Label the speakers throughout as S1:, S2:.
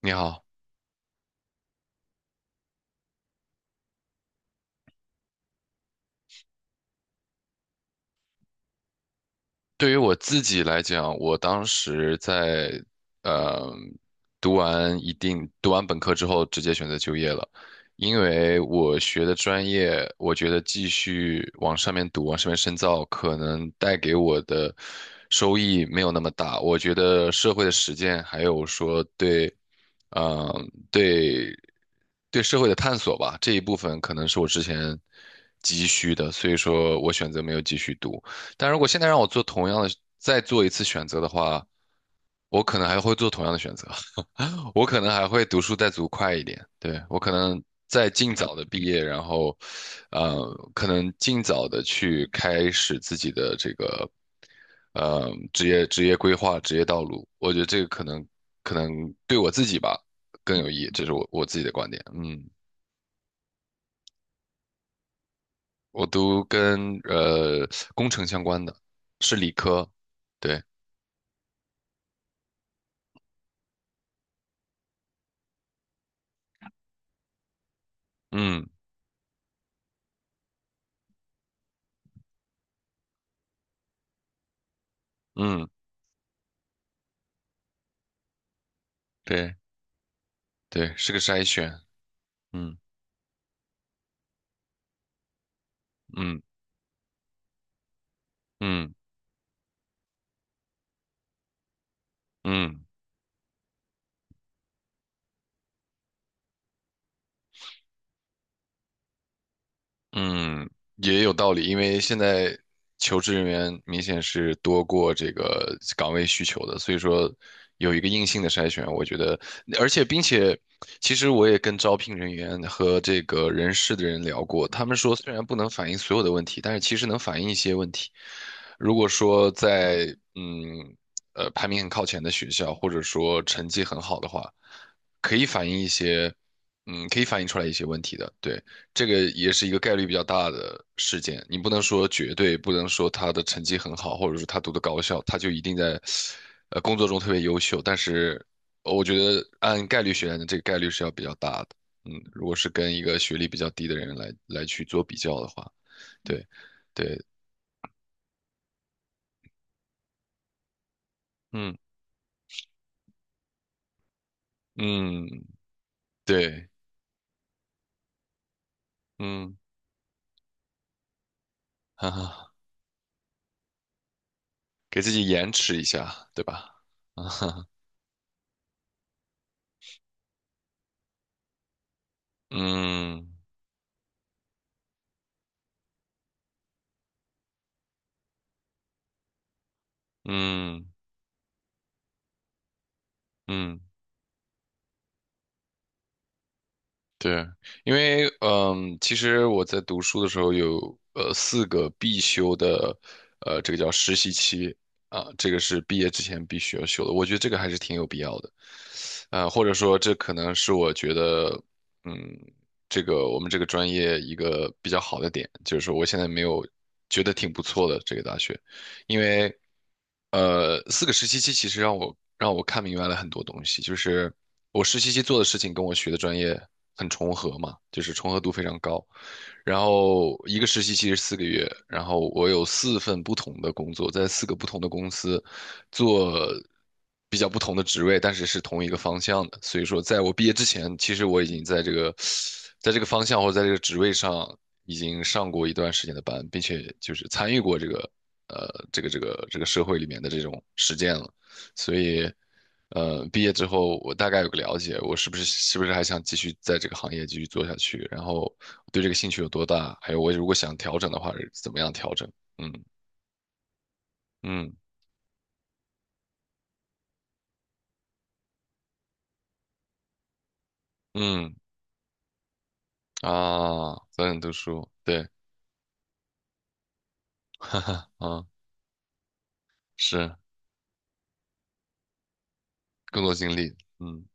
S1: 你好。对于我自己来讲，我当时在呃读完一定读完本科之后，直接选择就业了。因为我学的专业，我觉得继续往上面读，往上面深造，可能带给我的收益没有那么大。我觉得社会的实践，还有说对，嗯，对对社会的探索吧，这一部分可能是我之前急需的，所以说我选择没有继续读。但如果现在让我做同样的，再做一次选择的话，我可能还会做同样的选择。我可能还会读书再读快一点，对，我可能再尽早的毕业，然后，可能尽早的去开始自己的这个，职业规划、职业道路。我觉得这个可能对我自己吧更有意义，这是我自己的观点。嗯，我读跟工程相关的，是理科，对。嗯。嗯，对对，是个筛选。嗯嗯嗯嗯。嗯，也有道理。因为现在求职人员明显是多过这个岗位需求的，所以说有一个硬性的筛选，我觉得，而且并且，其实我也跟招聘人员和这个人事的人聊过，他们说虽然不能反映所有的问题，但是其实能反映一些问题。如果说在嗯排名很靠前的学校，或者说成绩很好的话，可以反映一些，嗯，可以反映出来一些问题的，对。这个也是一个概率比较大的事件，你不能说绝对，不能说他的成绩很好，或者说他读的高校，他就一定在，工作中特别优秀。但是，我觉得按概率学来的这个概率是要比较大的。嗯，如果是跟一个学历比较低的人来去做比较的话，对，对，嗯嗯，对，嗯，哈哈，给自己延迟一下，对吧？啊哈，嗯嗯嗯。对，因为其实我在读书的时候有四个必修的，这个叫实习期啊，这个是毕业之前必须要修的。我觉得这个还是挺有必要的，或者说这可能是我觉得嗯，这个我们这个专业一个比较好的点，就是说我现在没有觉得挺不错的这个大学。因为四个实习期其实让我看明白了很多东西，就是我实习期做的事情跟我学的专业很重合嘛，就是重合度非常高。然后一个实习期是4个月，然后我有四份不同的工作，在四个不同的公司，做比较不同的职位，但是是同一个方向的。所以说，在我毕业之前，其实我已经在这个，在这个方向或者在这个职位上已经上过一段时间的班，并且就是参与过这个，这个社会里面的这种实践了。所以，毕业之后我大概有个了解，我是不是还想继续在这个行业继续做下去，然后我对这个兴趣有多大，还有我如果想调整的话是怎么样调整。嗯嗯嗯。啊，早点读书，对，哈哈，啊，是更多经历，嗯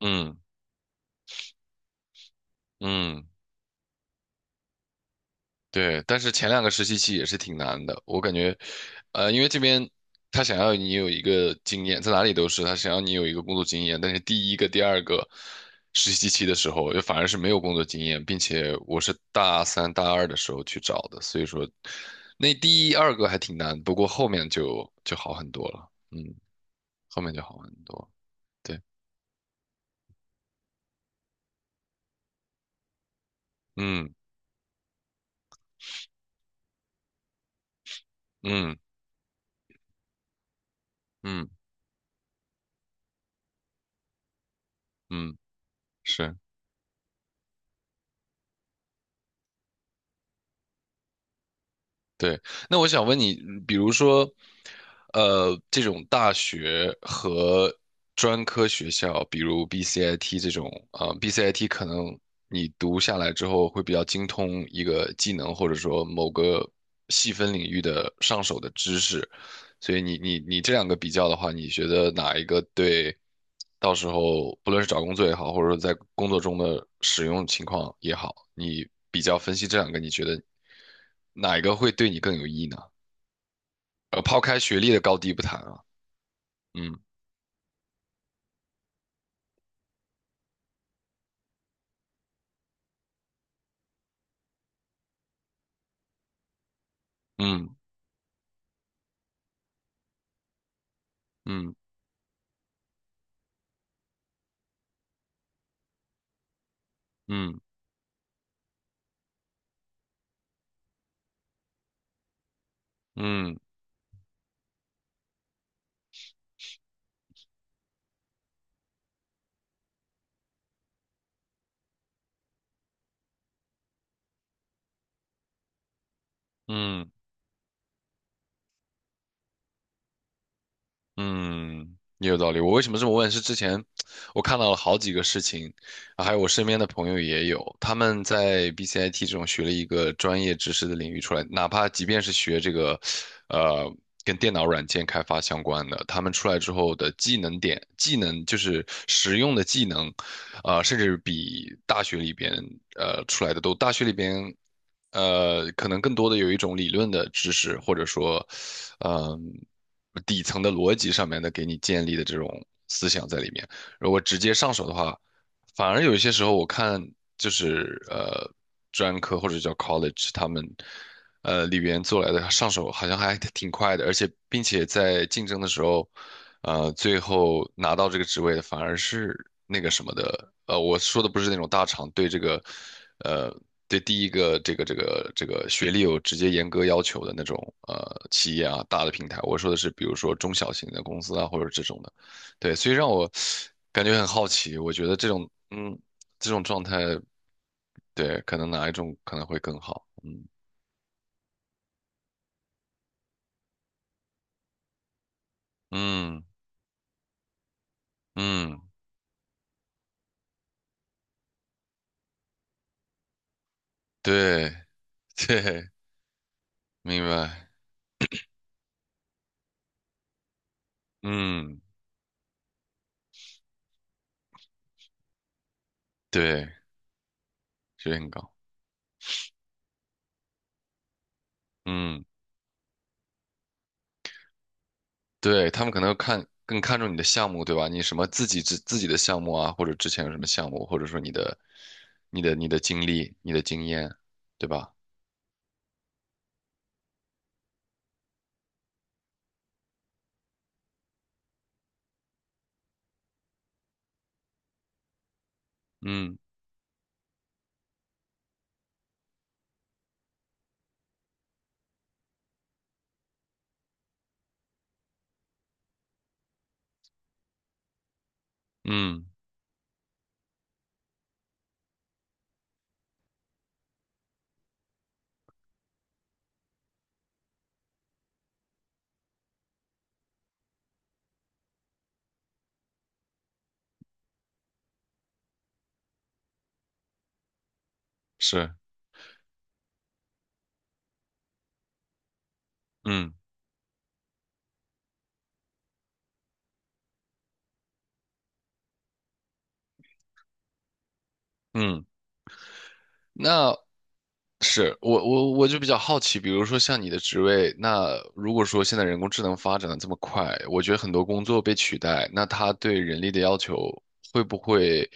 S1: 嗯嗯，对。但是前两个实习期也是挺难的，我感觉，因为这边他想要你有一个经验，在哪里都是他想要你有一个工作经验，但是第一个、第二个实习期的时候，又反而是没有工作经验，并且我是大三、大二的时候去找的，所以说那第一、二个还挺难，不过后面就好很多了。嗯，后面就好很多，对。嗯。嗯嗯嗯，是，对。那我想问你，比如说，这种大学和专科学校，比如 BCIT 这种啊，BCIT 可能你读下来之后会比较精通一个技能，或者说某个细分领域的上手的知识，所以你这两个比较的话，你觉得哪一个对到时候不论是找工作也好，或者说在工作中的使用情况也好，你比较分析这两个，你觉得哪一个会对你更有意义呢？抛开学历的高低不谈啊，嗯嗯嗯嗯嗯嗯嗯，也有道理。我为什么这么问？是之前我看到了好几个事情，啊还有我身边的朋友也有，他们在 BCIT 这种学了一个专业知识的领域出来，哪怕即便是学这个，呃，跟电脑软件开发相关的，他们出来之后的技能点、技能就是实用的技能，甚至比大学里边出来的都，大学里边，可能更多的有一种理论的知识，或者说，嗯、底层的逻辑上面的给你建立的这种思想在里面。如果直接上手的话，反而有一些时候我看就是专科或者叫 college 他们。里边做来的上手好像还挺快的，而且并且在竞争的时候，最后拿到这个职位的反而是那个什么的，我说的不是那种大厂对这个，呃，对第一个这个学历有直接严格要求的那种企业啊，大的平台，我说的是比如说中小型的公司啊，或者这种的，对，所以让我感觉很好奇。我觉得这种状态，对，可能哪一种可能会更好，嗯嗯嗯，对 对，明白，嗯对，学历很高。嗯，对，他们可能更看重你的项目，对吧？你什么自己自己的项目啊，或者之前有什么项目，或者说你的经历、你的经验，对吧？嗯嗯，是，嗯嗯。那是我就比较好奇，比如说像你的职位，那如果说现在人工智能发展的这么快，我觉得很多工作被取代，那它对人力的要求会不会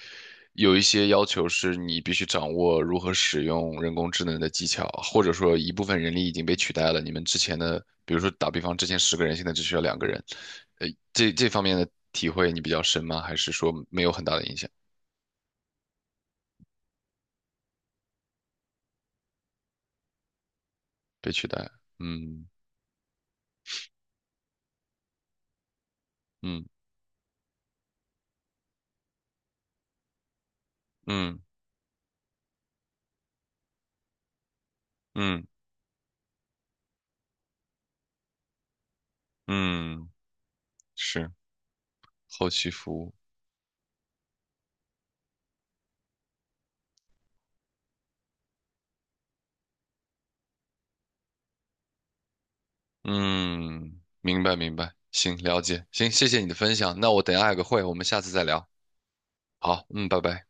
S1: 有一些要求是你必须掌握如何使用人工智能的技巧，或者说一部分人力已经被取代了，你们之前的，比如说打比方，之前十个人，现在只需要两个人，这方面的体会你比较深吗？还是说没有很大的影响，被取代？嗯嗯嗯嗯。嗯，是后期服务。嗯，明白明白，行，了解，行，谢谢你的分享。那我等一下还有个会，我们下次再聊。好，嗯，拜拜。